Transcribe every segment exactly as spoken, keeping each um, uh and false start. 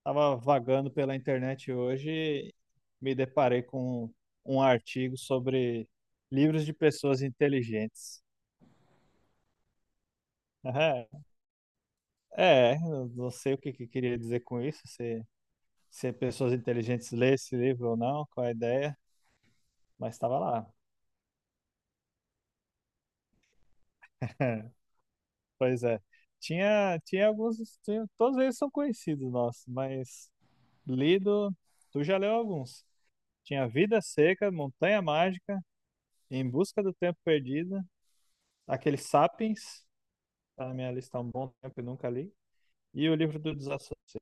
Estava vagando pela internet hoje e me deparei com um artigo sobre livros de pessoas inteligentes. É, eu não sei o que que queria dizer com isso, se, se pessoas inteligentes lê esse livro ou não, qual a ideia, mas estava lá. Pois é. Tinha, tinha alguns, tinha- todos eles são conhecidos nossos, mas lido, tu já leu alguns. Tinha Vida Seca, Montanha Mágica, Em Busca do Tempo Perdido, aquele Sapiens. Tá na minha lista há um bom tempo e nunca li. E o livro do Desassossego.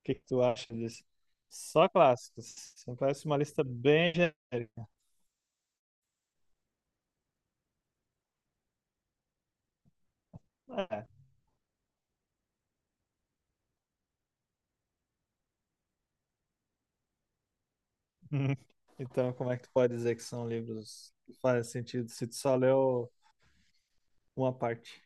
O que que tu acha disso? Só clássicos, assim. Parece uma lista bem genérica. É. Então, como é que tu pode dizer que são livros que fazem sentido se tu só leu uma parte?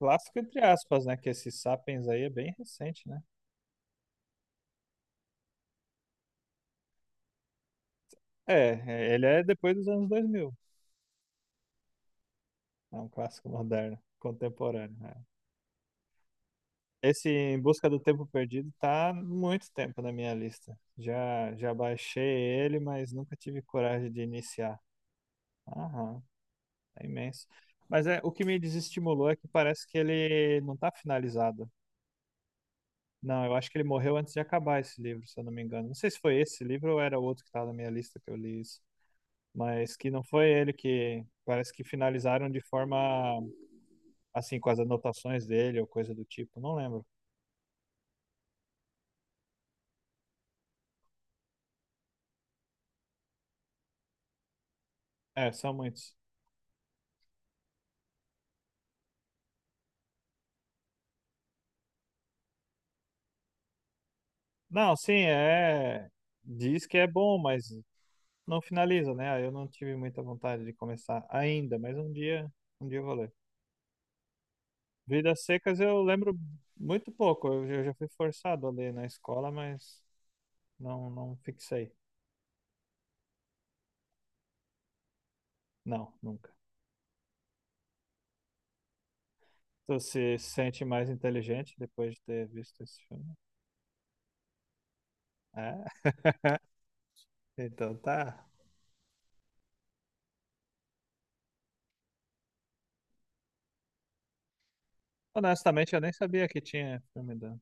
Clássico entre aspas, né? Que esse Sapiens aí é bem recente, né? É, é, ele é depois dos anos dois mil. É um clássico moderno, contemporâneo, né? Esse Em Busca do Tempo Perdido tá há muito tempo na minha lista. Já, já baixei ele, mas nunca tive coragem de iniciar. Aham, é imenso. Mas é, o que me desestimulou é que parece que ele não tá finalizado. Não, eu acho que ele morreu antes de acabar esse livro, se eu não me engano. Não sei se foi esse livro ou era outro que estava na minha lista que eu li isso. Mas que não foi ele, que parece que finalizaram de forma assim, com as anotações dele ou coisa do tipo, não lembro. É, são muitos. Não, sim, é. Diz que é bom, mas não finaliza, né? Aí eu não tive muita vontade de começar ainda, mas um dia, um dia eu vou ler. Vidas Secas eu lembro muito pouco. Eu, eu já fui forçado a ler na escola, mas não, não fixei. Não, nunca. Tu se sente mais inteligente depois de ter visto esse filme? É? Então tá. Honestamente, eu nem sabia que tinha filme da.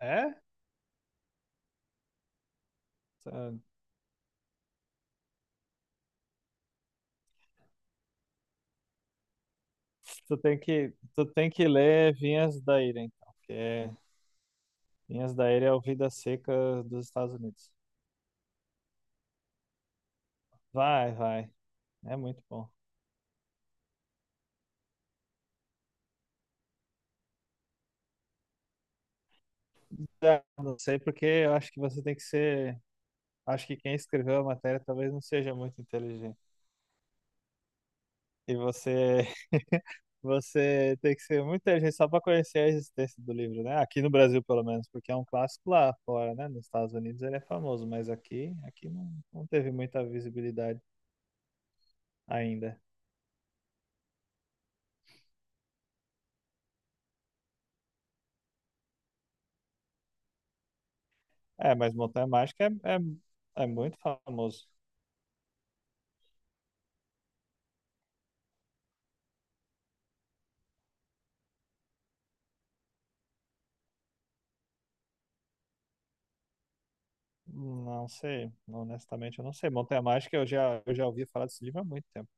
É? Tu tu tem que, tu tem que ler Vinhas da Ira, então, porque é. Vinhas da Ilha é o Vida Seca dos Estados Unidos. Vai, vai. É muito bom. É, não sei, porque eu acho que você tem que ser. Acho que quem escreveu a matéria talvez não seja muito inteligente. E você, você tem que ser muito inteligente só para conhecer a existência do livro, né? Aqui no Brasil, pelo menos, porque é um clássico lá fora, né? Nos Estados Unidos ele é famoso, mas aqui, aqui, não, não teve muita visibilidade ainda. É, mas Montanha Mágica é, é, é muito famoso. Não sei, honestamente eu não sei. Montanha Mágica eu já, eu já ouvi falar desse livro há muito tempo.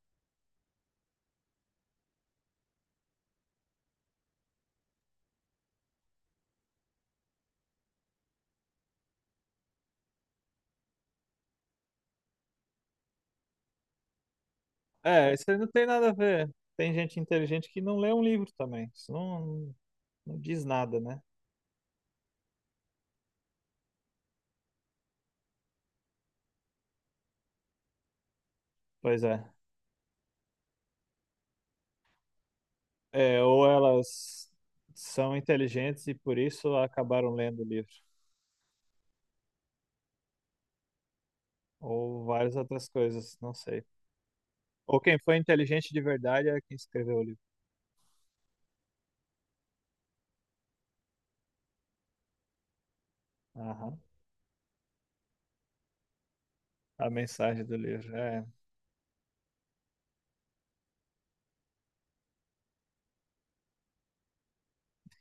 É, isso aí não tem nada a ver. Tem gente inteligente que não lê um livro também. Isso não, não diz nada, né? Pois é. É, ou elas são inteligentes e por isso acabaram lendo o livro. Ou várias outras coisas, não sei. Ou quem foi inteligente de verdade é quem escreveu o livro. Aham. A mensagem do livro. É.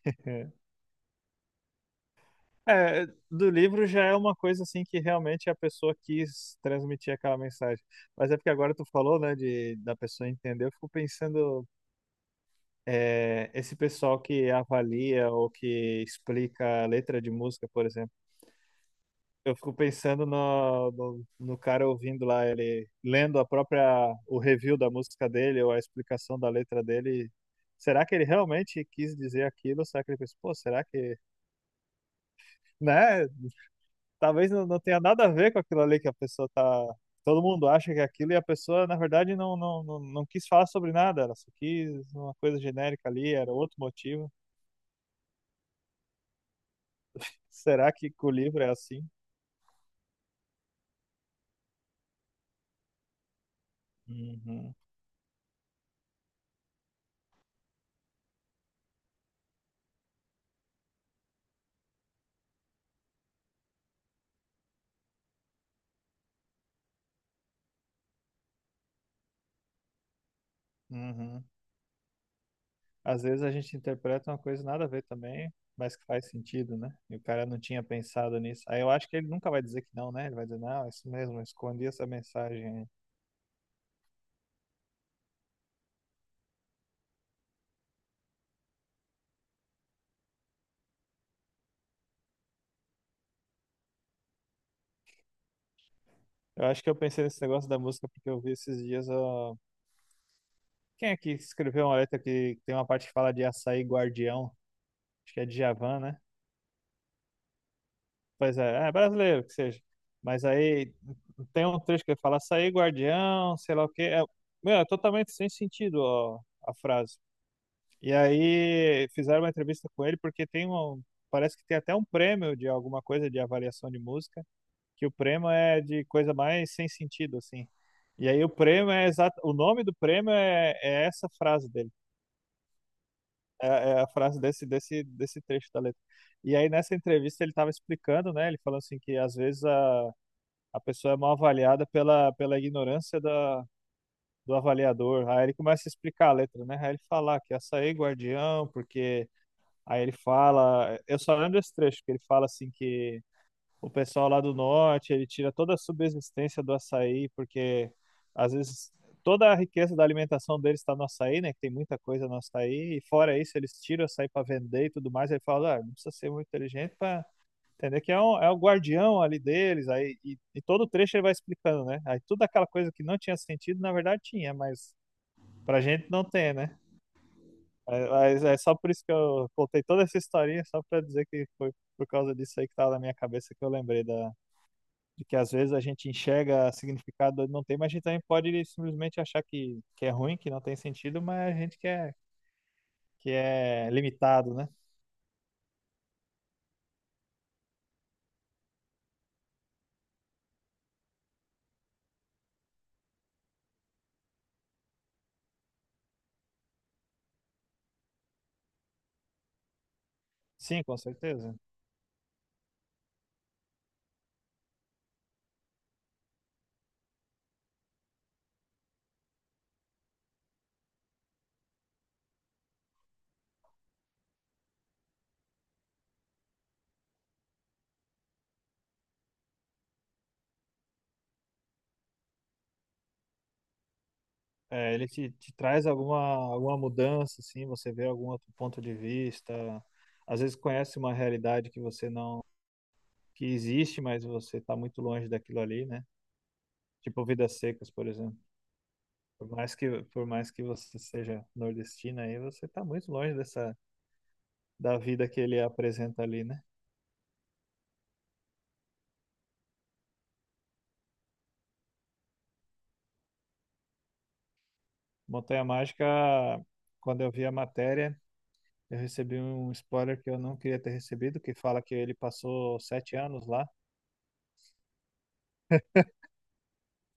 É, do livro já é uma coisa assim que realmente é a pessoa quis transmitir aquela mensagem. Mas é porque agora tu falou, né, de, da pessoa entender, eu fico pensando, é, esse pessoal que avalia ou que explica a letra de música, por exemplo, eu fico pensando no, no, no cara ouvindo lá, ele lendo a própria, o review da música dele ou a explicação da letra dele. Será que ele realmente quis dizer aquilo? Será que ele pensou, pô, será que, né? Talvez não, não tenha nada a ver com aquilo ali que a pessoa tá. Todo mundo acha que é aquilo e a pessoa, na verdade, não, não, não, não quis falar sobre nada, ela só quis uma coisa genérica ali, era outro motivo. Será que com o livro é assim? Uhum, uhum. Às vezes a gente interpreta uma coisa nada a ver também, mas que faz sentido, né? E o cara não tinha pensado nisso. Aí eu acho que ele nunca vai dizer que não, né? Ele vai dizer, não, é isso mesmo, eu escondi essa mensagem, aí. Eu acho que eu pensei nesse negócio da música porque eu vi esses dias, ó. Quem é que escreveu uma letra que tem uma parte que fala de açaí guardião? Acho que é Djavan, né? Pois é, é brasileiro que seja. Mas aí tem um trecho que fala açaí guardião, sei lá o quê. É, meu, é totalmente sem sentido, ó, a frase. E aí fizeram uma entrevista com ele, porque tem um, parece que tem até um prêmio de alguma coisa de avaliação de música, que o prêmio é de coisa mais sem sentido, assim. E aí o prêmio é exato, o nome do prêmio é é essa frase dele. É, é a frase desse, desse, desse trecho da letra. E aí, nessa entrevista, ele estava explicando, né? Ele falando assim que às vezes a, a pessoa é mal avaliada pela, pela ignorância da, do avaliador. Aí ele começa a explicar a letra, né? Aí ele fala que açaí é guardião, porque. Aí ele fala. Eu só lembro desse trecho, que ele fala assim que o pessoal lá do norte, ele tira toda a subsistência do açaí, porque às vezes toda a riqueza da alimentação deles está no açaí, né? Que tem muita coisa no açaí, e fora isso, eles tiram o açaí para vender e tudo mais. Aí fala, ah, não precisa ser muito inteligente para entender que é, um, é o guardião ali deles. Aí, e, e todo o trecho ele vai explicando, né? Aí tudo aquela coisa que não tinha sentido, na verdade tinha, mas pra gente não tem, né? É, mas é só por isso que eu contei toda essa historinha, só pra dizer que foi por causa disso aí que tava na minha cabeça que eu lembrei da, de que às vezes a gente enxerga significado não tem, mas a gente também pode simplesmente achar que, que é ruim, que não tem sentido, mas a gente que é, que é limitado, né? Sim, com certeza. É, ele te, te, traz alguma, alguma mudança, assim, você vê algum outro ponto de vista, às vezes conhece uma realidade que você não, que existe, mas você está muito longe daquilo ali, né? Tipo Vidas Secas, por exemplo. Por mais que, por mais que você seja nordestina aí, você está muito longe dessa, da vida que ele apresenta ali, né? Montanha Mágica, quando eu vi a matéria, eu recebi um spoiler que eu não queria ter recebido, que fala que ele passou sete anos lá.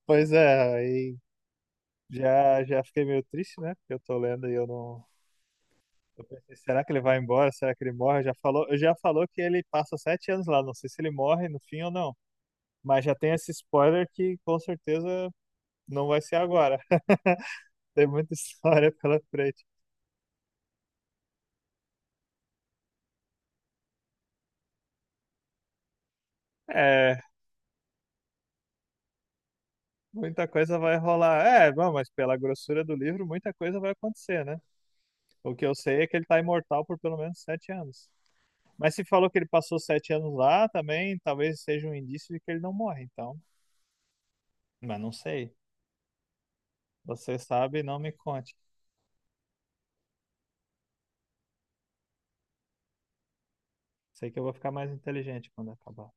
Pois é, aí já, já fiquei meio triste, né? Porque eu tô lendo e eu não. Será que ele vai embora? Será que ele morre? Já falou, já falou que ele passa sete anos lá. Não sei se ele morre no fim ou não. Mas já tem esse spoiler que com certeza não vai ser agora. Tem muita história pela frente. É, muita coisa vai rolar. É, bom, mas pela grossura do livro, muita coisa vai acontecer, né? O que eu sei é que ele tá imortal por pelo menos sete anos. Mas se falou que ele passou sete anos lá também, talvez seja um indício de que ele não morre, então. Mas não sei. Você sabe, não me conte. Sei que eu vou ficar mais inteligente quando acabar.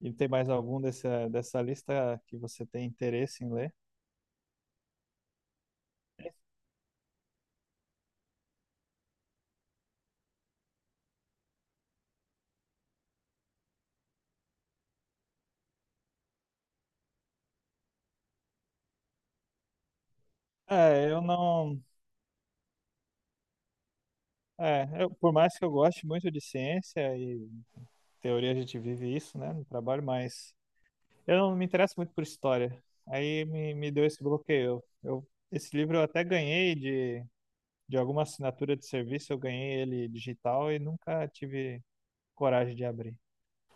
E tem mais algum dessa, dessa lista que você tem interesse em ler? É, eu não. É, eu- por mais que eu goste muito de ciência e teoria, a gente vive isso, né, no trabalho, mas eu não me interesso muito por história. Aí me, me, deu esse bloqueio. Eu, esse livro eu até ganhei de de alguma assinatura de serviço, eu ganhei ele digital e nunca tive coragem de abrir.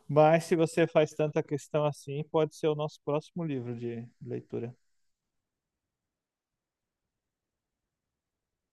Mas se você faz tanta questão assim, pode ser o nosso próximo livro de leitura.